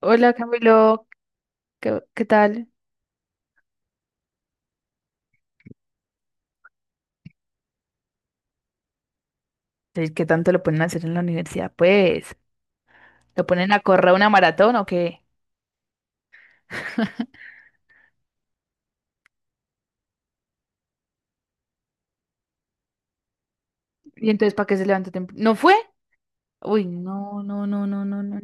Hola Camilo, ¿Qué tal? Sí, ¿qué tanto lo ponen a hacer en la universidad? Pues, ¿lo ponen a correr una maratón o qué? ¿Y entonces para qué se levantó temprano? ¿No fue? Uy, no, no, no, no, no, no.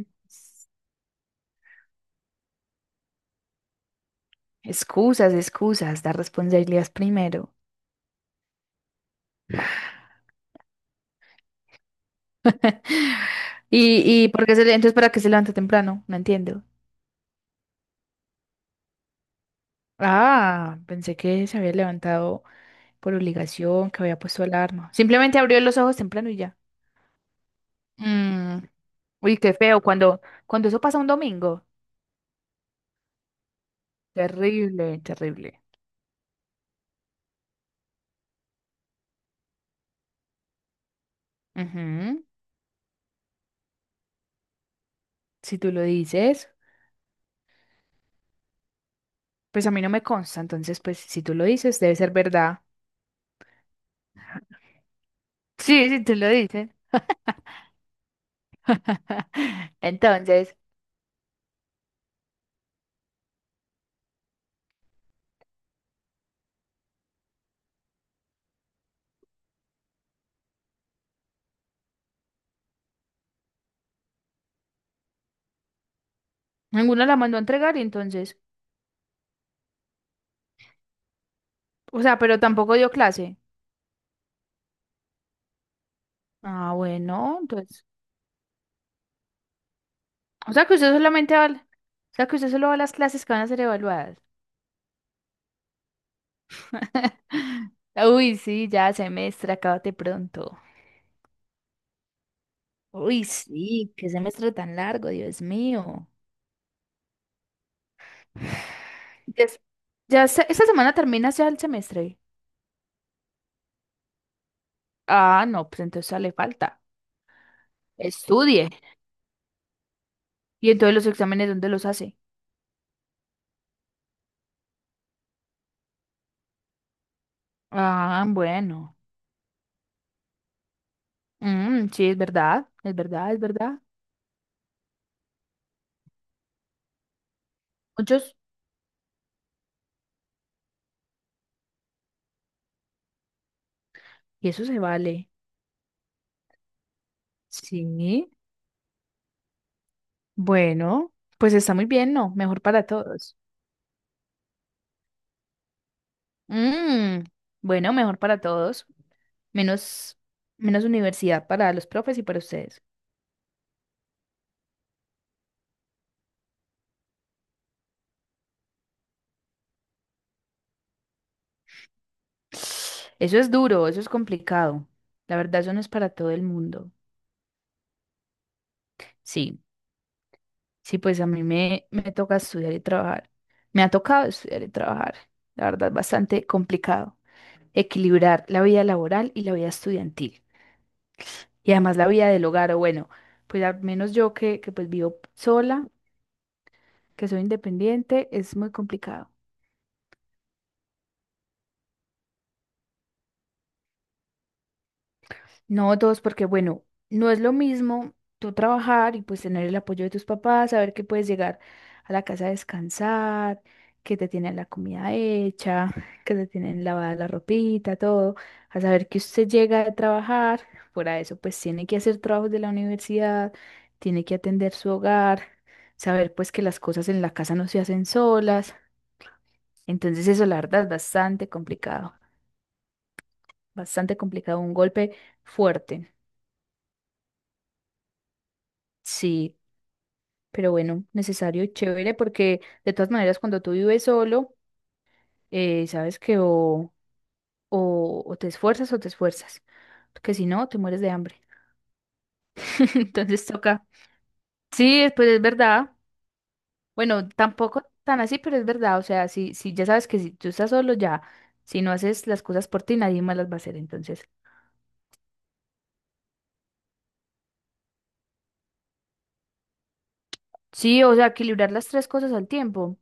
Excusas, excusas, dar responsabilidades primero. ¿Y por qué entonces para qué se levanta temprano? No entiendo. Ah, pensé que se había levantado por obligación, que había puesto alarma. Simplemente abrió los ojos temprano y ya. Mm. Uy, qué feo cuando eso pasa un domingo. Terrible, terrible. Ujú. Si tú lo dices, pues a mí no me consta, entonces, pues si tú lo dices, debe ser verdad. Sí, si tú lo dices. Entonces, ninguno la mandó a entregar y entonces, o sea, pero tampoco dio clase. Ah, bueno, entonces, o sea que usted solamente o sea que usted solo va a las clases que van a ser evaluadas. Uy, sí, ya semestre, acábate pronto. Uy, sí, qué semestre tan largo, Dios mío. Des- Esta semana termina ya el semestre. Ah, no, pues entonces ya le falta. Estudie. Y entonces los exámenes, ¿dónde los hace? Ah, bueno. Mm, sí, es verdad, es verdad, es verdad. Muchos. Y eso se vale. Sí. Bueno, pues está muy bien, ¿no? Mejor para todos. Mm, bueno, mejor para todos. Menos, menos universidad para los profes y para ustedes. Eso es duro, eso es complicado. La verdad, eso no es para todo el mundo. Sí. Sí, pues a mí me toca estudiar y trabajar. Me ha tocado estudiar y trabajar. La verdad, es bastante complicado. Equilibrar la vida laboral y la vida estudiantil. Y además la vida del hogar, o bueno, pues al menos yo que pues vivo sola, que soy independiente, es muy complicado. No dos, porque bueno, no es lo mismo tú trabajar y pues tener el apoyo de tus papás, saber que puedes llegar a la casa a descansar, que te tienen la comida hecha, que te tienen lavada la ropita, todo, a saber que usted llega a trabajar, fuera de eso, pues tiene que hacer trabajos de la universidad, tiene que atender su hogar, saber pues que las cosas en la casa no se hacen solas. Entonces eso la verdad es bastante complicado, un golpe fuerte. Sí. Pero bueno, necesario y chévere porque de todas maneras cuando tú vives solo, sabes que o te esfuerzas, porque si no, te mueres de hambre. Entonces toca. Sí, pues es verdad. Bueno, tampoco tan así, pero es verdad. O sea, si ya sabes que si tú estás solo ya, si no haces las cosas por ti, nadie más las va a hacer. Entonces, sí, o sea, equilibrar las tres cosas al tiempo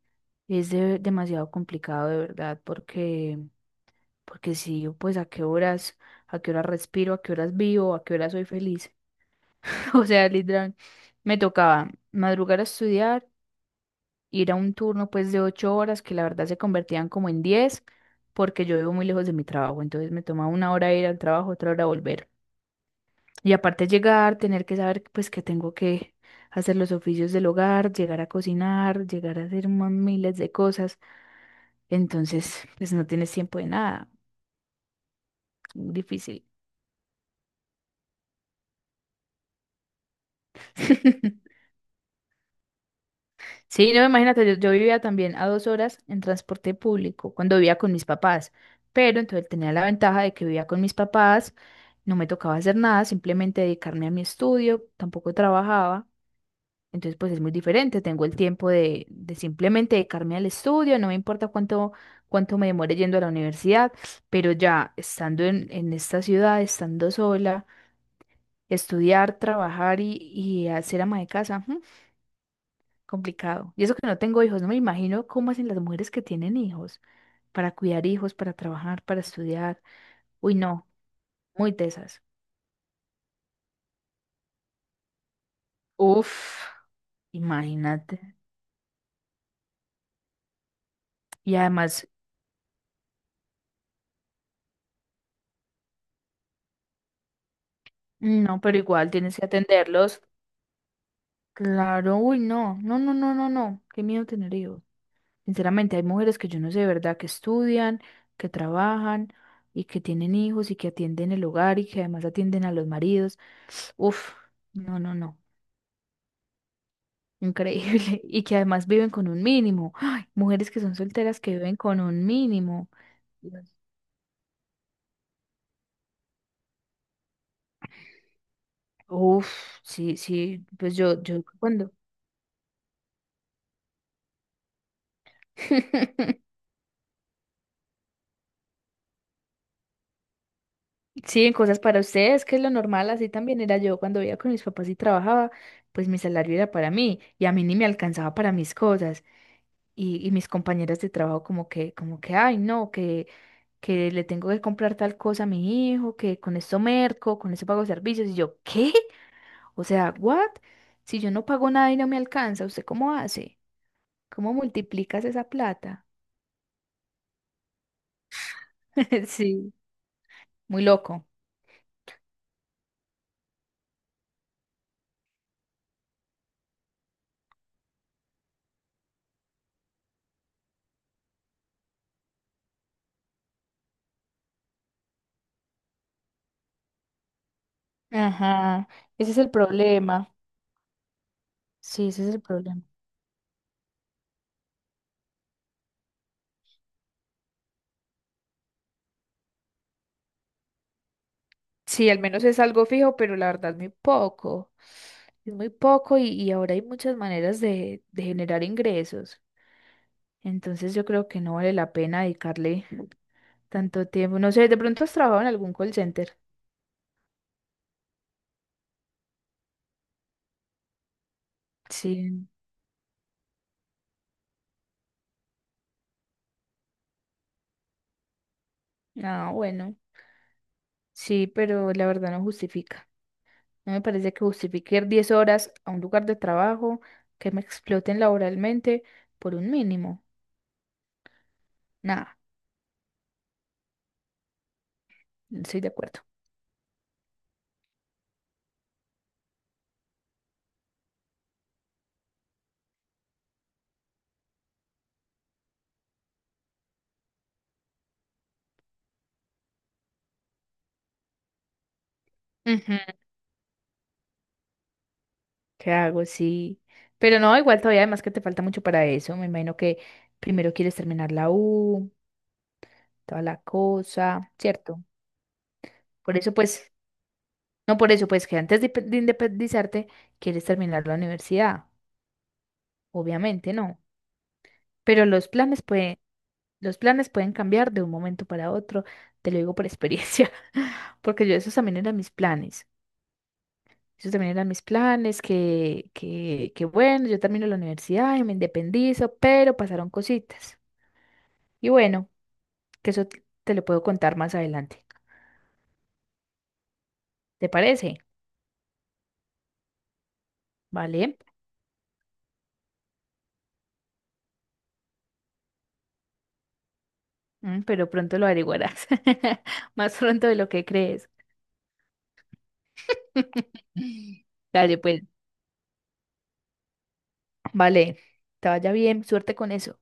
es demasiado complicado, de verdad, porque... Porque si yo, pues, a qué horas respiro, a qué horas vivo, a qué horas soy feliz? O sea, literal, me tocaba madrugar a estudiar, ir a un turno, pues, de ocho horas, que la verdad se convertían como en diez, porque yo vivo muy lejos de mi trabajo, entonces me tomaba una hora ir al trabajo, otra hora volver. Y aparte llegar, tener que saber, pues, que tengo que hacer los oficios del hogar, llegar a cocinar, llegar a hacer más miles de cosas. Entonces, pues, no tienes tiempo de nada. Difícil. Sí, no, imagínate, yo vivía también a dos horas en transporte público cuando vivía con mis papás, pero entonces tenía la ventaja de que vivía con mis papás, no me tocaba hacer nada, simplemente dedicarme a mi estudio, tampoco trabajaba, entonces pues es muy diferente, tengo el tiempo de simplemente dedicarme al estudio, no me importa cuánto me demore yendo a la universidad, pero ya estando en esta ciudad, estando sola, estudiar, trabajar y hacer ama de casa, complicado. Y eso que no tengo hijos, no me imagino cómo hacen las mujeres que tienen hijos para cuidar hijos, para trabajar, para estudiar. Uy, no, muy tesas. Uf, imagínate. Y además, no, pero igual tienes que atenderlos. Claro, uy, no, no, no, no, no, no. Qué miedo tener hijos. Sinceramente, hay mujeres que yo no sé de verdad que estudian, que trabajan y que tienen hijos y que atienden el hogar y que además atienden a los maridos. Uf, no, no, no. Increíble. Y que además viven con un mínimo. Ay, mujeres que son solteras que viven con un mínimo. Dios. Uf, sí, sí, pues yo cuando. Sí, en cosas para ustedes, que es lo normal, así también era yo cuando vivía con mis papás y trabajaba, pues mi salario era para mí y a mí ni me alcanzaba para mis cosas. Y mis compañeras de trabajo como que, ay, no, que le tengo que comprar tal cosa a mi hijo, que con esto merco, con esto pago servicios. Y yo, ¿qué? O sea, ¿what? Si yo no pago nada y no me alcanza, ¿usted cómo hace? ¿Cómo multiplicas esa plata? Sí. Muy loco. Ajá, ese es el problema. Sí, ese es el problema. Sí, al menos es algo fijo, pero la verdad es muy poco. Es muy poco y ahora hay muchas maneras de generar ingresos. Entonces yo creo que no vale la pena dedicarle tanto tiempo. No sé, de pronto has trabajado en algún call center. Sí. Ah, bueno. Sí, pero la verdad no justifica. No me parece que justifique ir 10 horas a un lugar de trabajo que me exploten laboralmente por un mínimo. Nada, no estoy de acuerdo. Ujú. ¿Qué hago? Sí. Pero no, igual todavía además que te falta mucho para eso. Me imagino que primero quieres terminar la U, toda la cosa, ¿cierto? Por eso pues, no por eso pues que antes de independizarte quieres terminar la universidad, obviamente no. Pero los planes pueden. Los planes pueden cambiar de un momento para otro, te lo digo por experiencia, porque yo esos también eran mis planes. Esos también eran mis planes, que bueno, yo termino la universidad y me independizo, pero pasaron cositas. Y bueno, que eso te lo puedo contar más adelante. ¿Te parece? Vale. Mm, pero pronto lo averiguarás, más pronto de lo que crees. Dale, pues, vale, te vaya bien, suerte con eso.